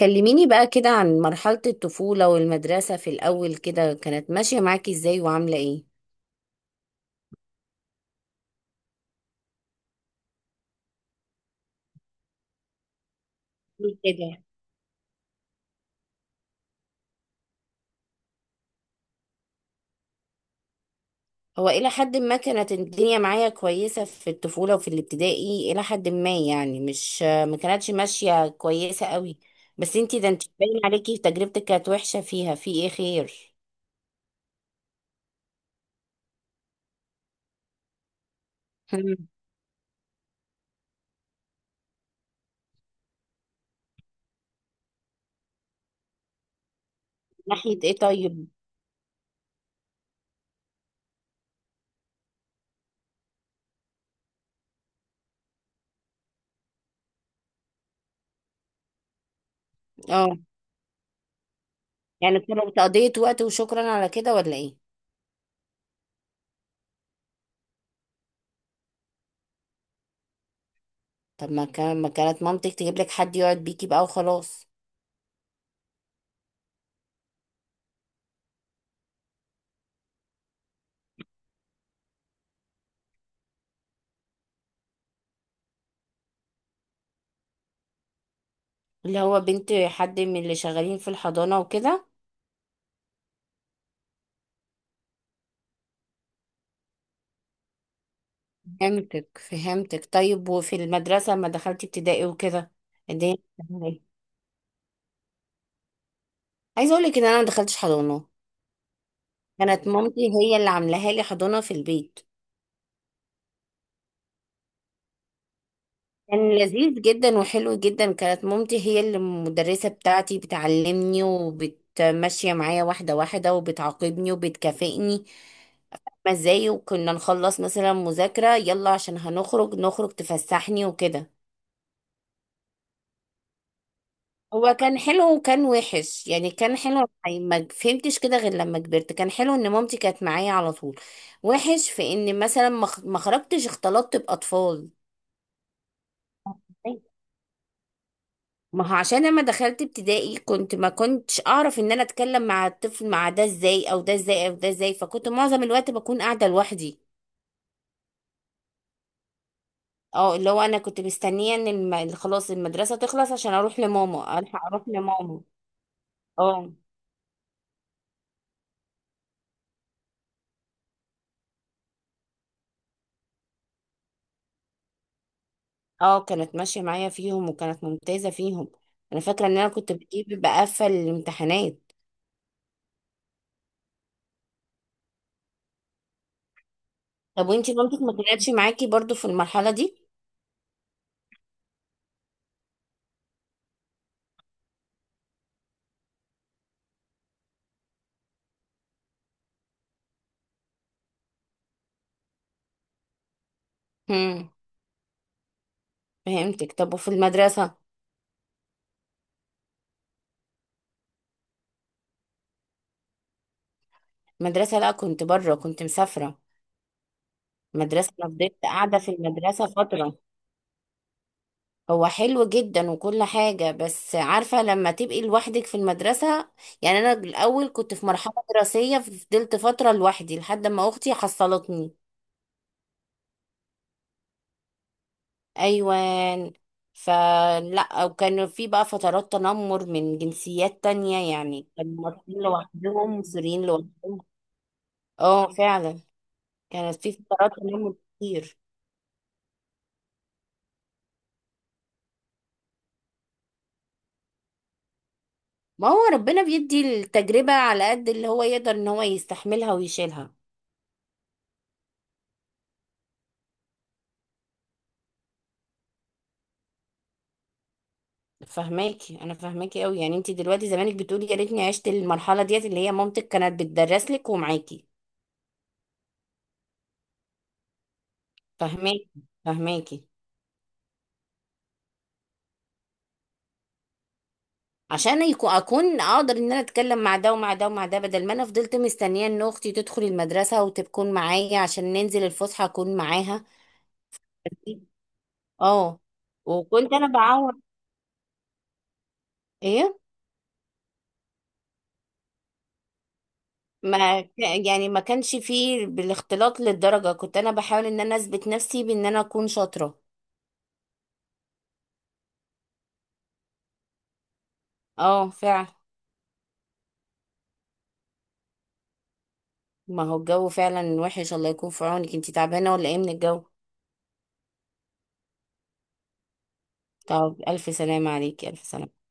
كلميني بقى كده عن مرحلة الطفولة والمدرسة في الأول كده، كانت ماشية معاكي ازاي وعاملة ايه؟ قولي كده. هو إلى حد ما كانت الدنيا معايا كويسة في الطفولة وفي الابتدائي، إلى حد ما يعني، مش ما كانتش ماشية كويسة قوي. بس انت باين عليكي تجربتك كانت وحشة، فيها في ايه خير؟ مم. ناحية ايه طيب؟ اه، يعني كانوا تقضية وقت وشكرا على كده ولا ايه؟ طب ما كانت مامتك تجيب لك حد يقعد بيكي بقى وخلاص. اللي هو بنت حد من اللي شغالين في الحضانة وكده. فهمتك، طيب. وفي المدرسة لما دخلتي ابتدائي وكده، الدنيا كانت عاملة إيه؟ عايزة اقولك ان انا ما دخلتش حضانة. كانت مامتي هي اللي عاملاها لي حضانة في البيت. كان لذيذ جدا وحلو جدا، كانت مامتي هي اللي المدرسة بتاعتي، بتعلمني وبتمشي معايا واحدة واحدة وبتعاقبني وبتكافئني. ما ازاي، وكنا نخلص مثلا مذاكرة، يلا عشان هنخرج، نخرج تفسحني وكده. هو كان حلو وكان وحش يعني، كان حلو يعني ما فهمتش كده غير لما كبرت. كان حلو ان مامتي كانت معايا على طول، وحش في ان مثلا ما خرجتش اختلطت باطفال. ما هو عشان لما دخلت ابتدائي ما كنتش اعرف ان انا اتكلم مع الطفل، مع ده ازاي او ده ازاي او ده ازاي، فكنت معظم الوقت بكون قاعدة لوحدي. اه، اللي هو انا كنت مستنية ان خلاص المدرسة تخلص عشان اروح لماما، الحق اروح لماما. اه، اه، كانت ماشية معايا فيهم وكانت ممتازة فيهم. انا فاكرة ان انا كنت بجيب بقفل الامتحانات. طب وانتي مامتك ما كانتش معاكي برضو في المرحلة دي؟ امم فهمتك. طب وفي المدرسة؟ المدرسة، لا، كنت بره، كنت مسافرة. مدرسة، انا فضلت قاعدة في المدرسة فترة. هو حلو جدا وكل حاجة، بس عارفة لما تبقي لوحدك في المدرسة، يعني انا الاول كنت في مرحلة دراسية فضلت فترة لوحدي لحد ما اختي حصلتني. ايوان، فلا، وكان في بقى فترات تنمر من جنسيات تانية، يعني كانوا مصريين لوحدهم وسوريين لوحدهم. اه، فعلا. كانت في فترات تنمر كتير. ما هو ربنا بيدي التجربة على قد اللي هو يقدر ان هو يستحملها ويشيلها. فهماكي، انا فهماكي قوي. يعني انت دلوقتي زمانك بتقولي يا ريتني عشت المرحلة ديت اللي هي مامتك كانت بتدرس لك ومعاكي. فهماكي، فهماكي. عشان اكون اقدر ان انا اتكلم مع ده ومع ده ومع ده، بدل ما انا فضلت مستنيه ان اختي تدخل المدرسه وتكون معايا عشان ننزل الفسحه اكون معاها. اه. وكنت انا بعوض. ايه. ما ك- يعني ما كانش فيه بالاختلاط للدرجه، كنت انا بحاول ان انا اثبت نفسي بان انا اكون شاطره. اه، فعلا. ما هو الجو فعلا وحش، الله يكون في عونك. انتي تعبانه ولا ايه من الجو؟ طب الف سلامه عليكي، الف سلامه.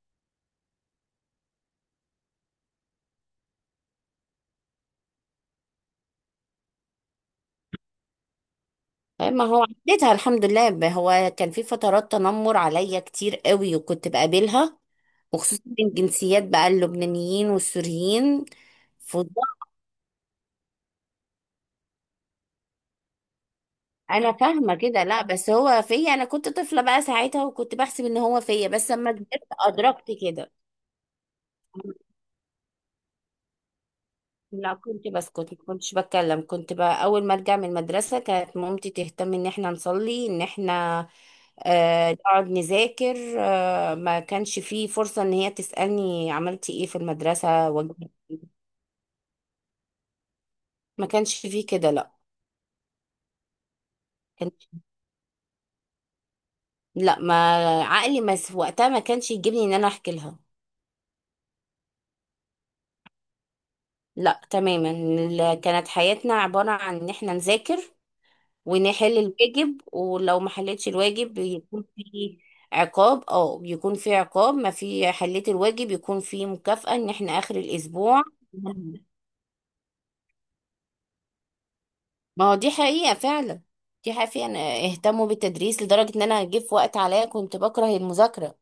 طيب، ما هو عديتها الحمد لله. هو كان في فترات تنمر عليا كتير قوي، وكنت بقابلها. وخصوصا من جنسيات بقى، اللبنانيين والسوريين. فضاء. انا فاهمه كده، لا بس هو فيا، انا كنت طفله بقى ساعتها وكنت بحسب ان هو فيا، بس لما كبرت ادركت كده. لا، كنت بسكت، ما كنتش بتكلم. كنت بقى اول ما ارجع من المدرسه كانت مامتي تهتم ان احنا نصلي، ان احنا نقعد نذاكر، ما كانش فيه فرصة ان هي تسألني عملتي ايه في المدرسة، واجب-. ما كانش فيه كده، لا. كان ما عقلي ما س- وقتها ما كانش يجيبني ان انا احكي لها. لا تماما، كانت حياتنا عبارة عن ان احنا نذاكر، ونحل الواجب. ولو ما حلتش الواجب يكون في عقاب، يكون في عقاب. ما في حليت الواجب يكون في مكافأة، ان احنا اخر الاسبوع. ما هو دي حقيقة فعلا. دي حقيقة. اهتموا بالتدريس لدرجة إن أنا جه في وقت عليا كنت بكره المذاكرة،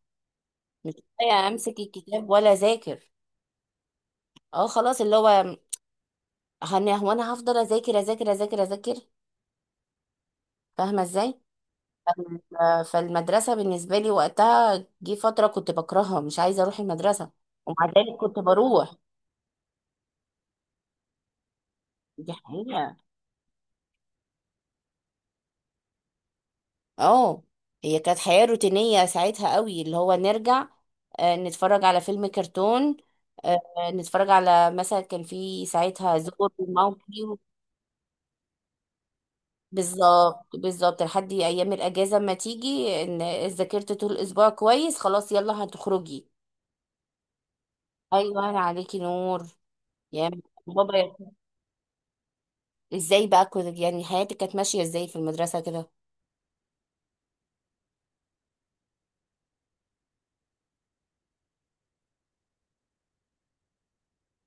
مش لاقية أمسك الكتاب ولا أذاكر. اه خلاص، اللي هو هو أنا هفضل أذاكر أذاكر أذاكر أذاكر. فاهمة إزاي؟ فالمدرسة بالنسبة لي وقتها جه فترة كنت بكرهها، مش عايزة أروح المدرسة، ومع ذلك كنت بروح. دي حقيقة. اه، هي كانت حياة روتينية ساعتها قوي، اللي هو نرجع، نتفرج على فيلم كرتون، آه، نتفرج على، مثلا كان في ساعتها زور وماوكي. بالظبط، بالظبط، لحد ايام الاجازة ما تيجي، ان ذاكرت طول الاسبوع كويس، خلاص يلا هتخرجي. ايوه، انا عليكي نور. يا بابا، أخي. ازاي بقى كنت، يعني حياتك كانت ماشية ازاي في المدرسة كده؟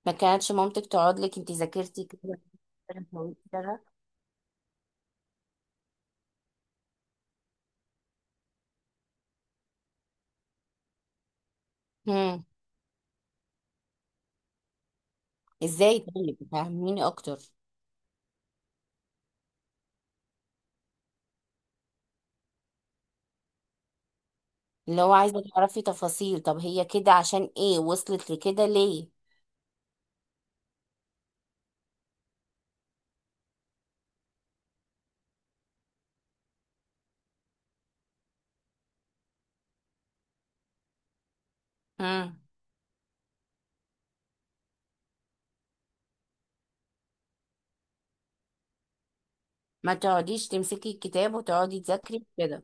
ما كانتش مامتك تقعد لك انت ذاكرتي كده؟ هم. ازاي طيب، فهميني اكتر. اللي هو عايزه تعرفي تفاصيل، طب هي كده عشان ايه وصلت لكده ليه؟ امم. ما تقعديش تمسكي الكتاب وتقعدي تذاكري كده.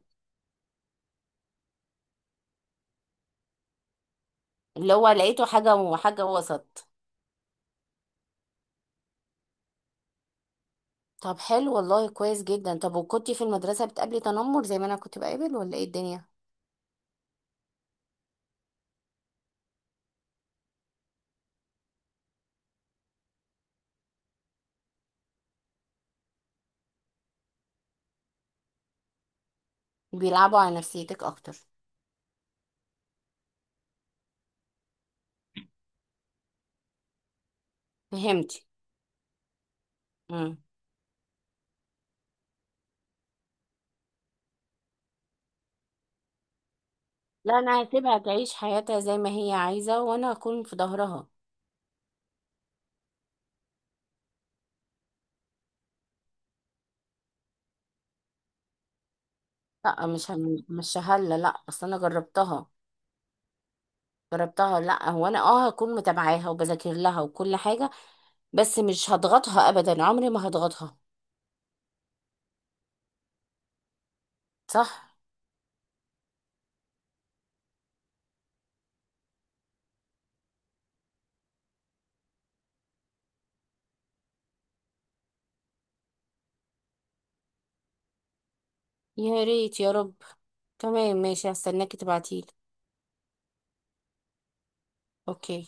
اللي هو لقيته حاجه وحاجه وسط. طب حلو والله، كويس جدا. طب وكنتي في المدرسه بتقابلي تنمر زي ما انا كنت بقابل، ولا ايه الدنيا؟ بيلعبوا على نفسيتك اكتر. فهمتي. امم. لا، انا هسيبها تعيش حياتها زي ما هي عايزه، وانا هكون في ظهرها. لا، مش هلا لا، اصل انا جربتها. جربتها ولا لا. هو انا، هكون متابعاها وبذاكر لها وكل حاجه، بس مش هضغطها ابدا، عمري ما هضغطها. صح. يا ريت يا رب. تمام ماشي، هستناكي تبعتيلي. اوكي.